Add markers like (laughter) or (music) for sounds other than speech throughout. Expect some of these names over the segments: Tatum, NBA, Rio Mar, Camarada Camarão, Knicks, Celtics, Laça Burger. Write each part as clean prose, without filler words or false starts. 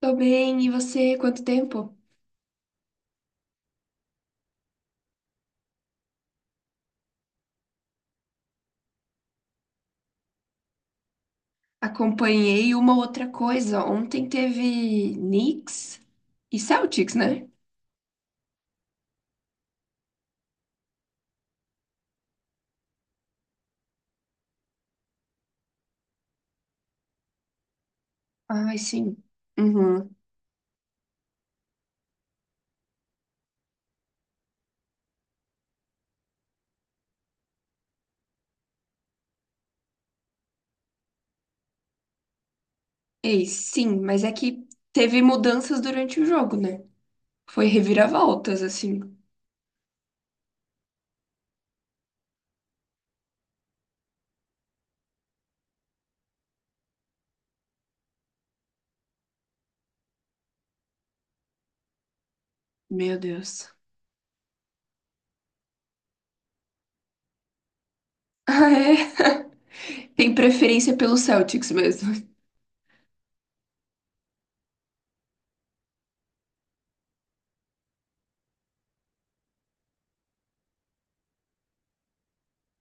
Tô bem, e você? Quanto tempo? Acompanhei uma outra coisa. Ontem teve Knicks e Celtics, né? Ai, sim. Uhum. Ei, sim, mas é que teve mudanças durante o jogo, né? Foi reviravoltas, assim. Meu Deus. Ah, é? (laughs) Tem preferência pelo Celtics mesmo.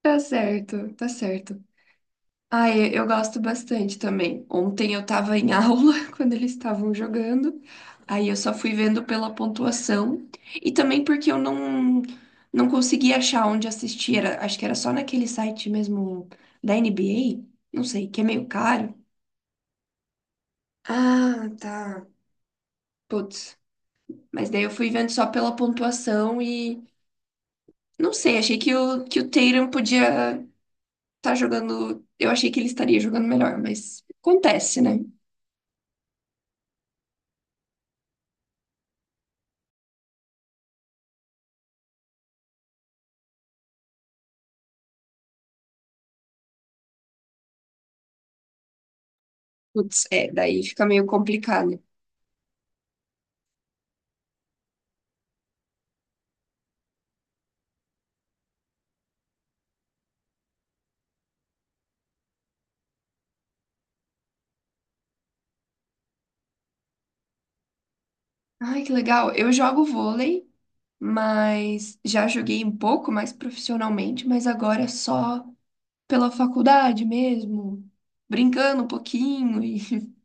Tá certo, tá certo. Ah, eu gosto bastante também. Ontem eu tava em (laughs) aula quando eles estavam jogando, aí eu só fui vendo pela pontuação e também porque eu não consegui achar onde assistir. Acho que era só naquele site mesmo da NBA, não sei, que é meio caro. Ah, tá. Putz. Mas daí eu fui vendo só pela pontuação e não sei, achei que o Tatum podia estar jogando. Eu achei que ele estaria jogando melhor, mas acontece, né? Putz, é, daí fica meio complicado. Ai, que legal. Eu jogo vôlei, mas já joguei um pouco mais profissionalmente, mas agora é só pela faculdade mesmo, brincando um pouquinho. (laughs)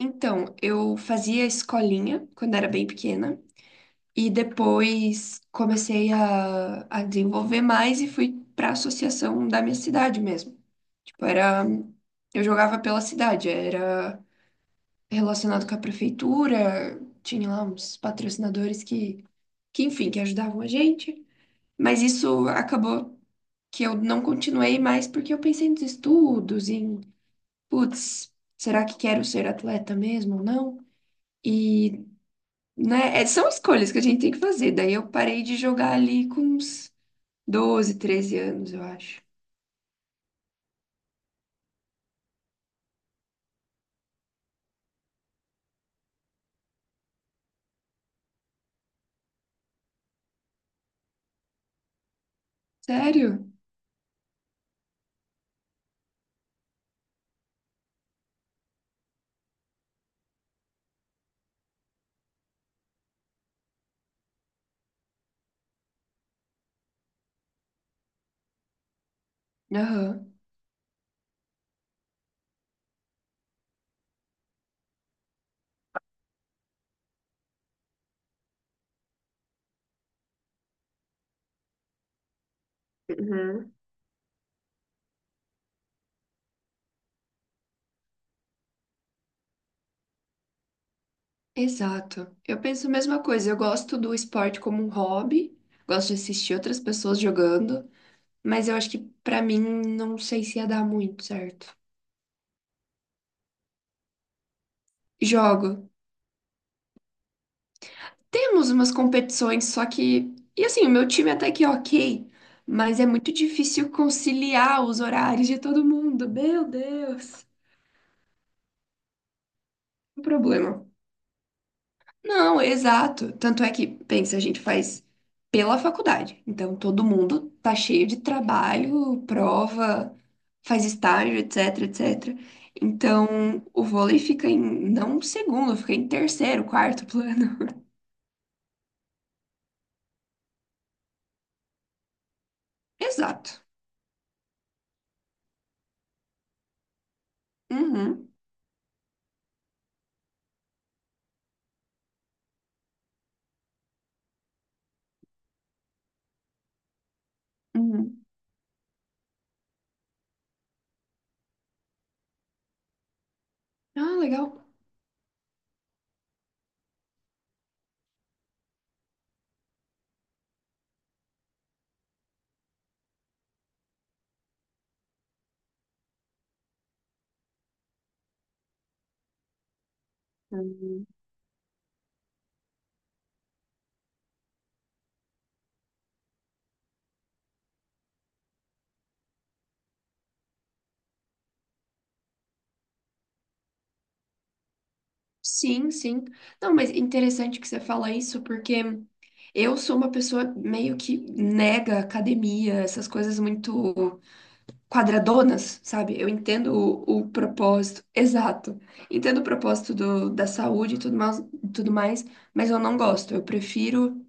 Então, eu fazia escolinha quando era bem pequena e depois comecei a desenvolver mais e fui para a associação da minha cidade mesmo. Tipo, era, eu jogava pela cidade, era relacionado com a prefeitura, tinha lá uns patrocinadores que enfim, que ajudavam a gente, mas isso acabou que eu não continuei mais porque eu pensei nos estudos, em, putz, será que quero ser atleta mesmo ou não? E, né, são escolhas que a gente tem que fazer, daí eu parei de jogar ali com uns doze treze anos, eu acho. Sério? Aham. Exato. Eu penso a mesma coisa. Eu gosto do esporte como um hobby, gosto de assistir outras pessoas jogando, mas eu acho que pra mim não sei se ia dar muito certo. Jogo. Temos umas competições, só que. E assim, o meu time até que é ok, mas é muito difícil conciliar os horários de todo mundo. Meu Deus. Um problema. Não, exato. Tanto é que, pensa, a gente faz pela faculdade. Então, todo mundo tá cheio de trabalho, prova, faz estágio, etc, etc. Então, o vôlei fica em, não segundo, fica em terceiro, quarto plano. (laughs) Exato. Uhum, uhum. Ah, legal. Uhum. Sim, sim. Não, mas interessante que você fala isso, porque eu sou uma pessoa meio que nega academia, essas coisas muito. Quadradonas, sabe? Eu entendo o propósito, exato. Entendo o propósito do, da saúde e tudo mais, mas eu não gosto. Eu prefiro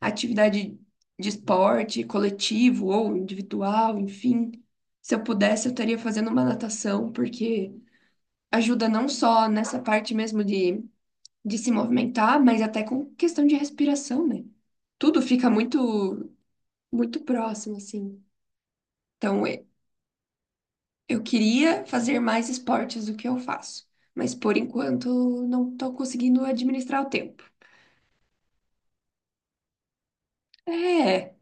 atividade de esporte, coletivo ou individual, enfim. Se eu pudesse, eu estaria fazendo uma natação, porque ajuda não só nessa parte mesmo de se movimentar, mas até com questão de respiração, né? Tudo fica muito, muito próximo, assim. Então, eu queria fazer mais esportes do que eu faço, mas por enquanto não estou conseguindo administrar o tempo. É.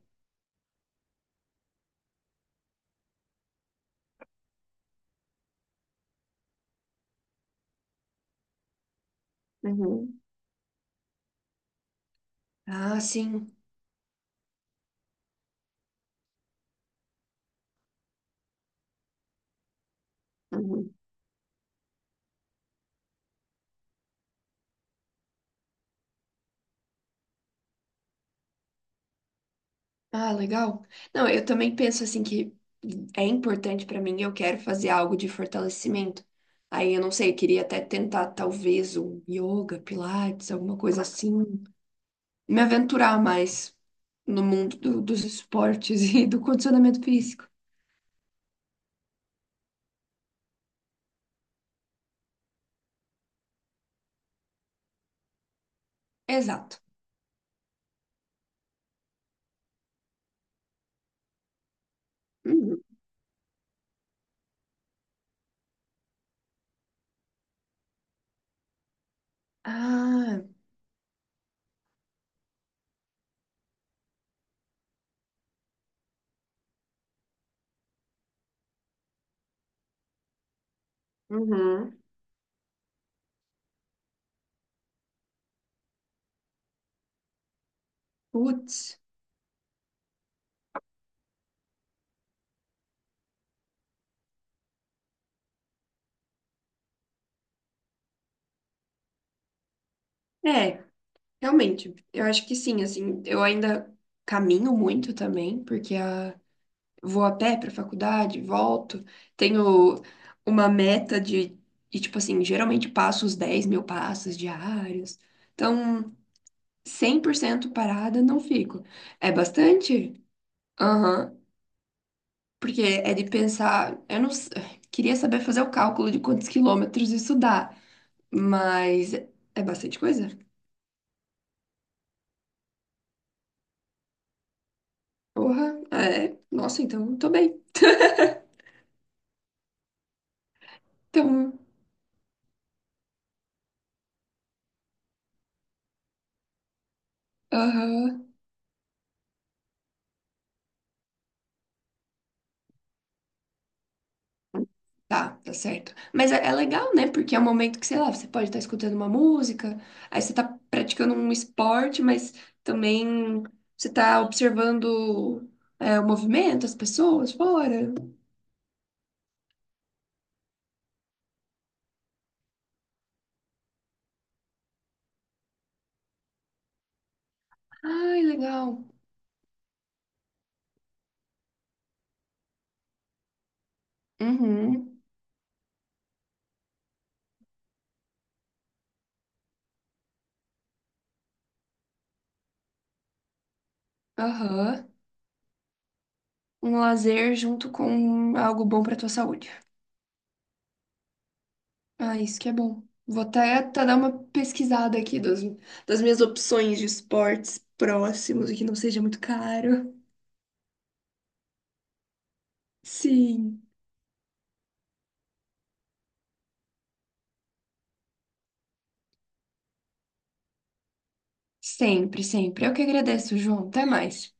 Uhum. Ah, sim. Uhum. Ah, legal. Não, eu também penso assim que é importante para mim, eu quero fazer algo de fortalecimento. Aí eu não sei, eu queria até tentar talvez um yoga, pilates, alguma coisa assim, me aventurar mais no mundo dos esportes (laughs) e do condicionamento físico. Exato. Uhum. Ah. Uhum. Putz. É, realmente. Eu acho que sim, assim, eu ainda caminho muito também, porque a... Vou a pé pra faculdade, volto, tenho uma meta de, e, tipo assim, geralmente passo os 10 mil passos diários. Então, 100% parada não fico. É bastante? Aham. Porque é de pensar, eu não s- queria saber fazer o cálculo de quantos quilômetros isso dá, mas é bastante coisa. Porra, é. Nossa, então tô bem. (laughs) Então, aham, tá, tá certo. Mas é, é legal, né? Porque é um momento que, sei lá, você pode estar escutando uma música, aí você tá praticando um esporte, mas também você tá observando é, o movimento, as pessoas fora. Ai, legal. Uhum, aham. Um lazer junto com algo bom pra tua saúde. Ah, isso que é bom. Vou até, até dar uma pesquisada aqui das, das minhas opções de esportes próximos e que não seja muito caro. Sim, sempre, sempre. Eu que agradeço, João. Até mais.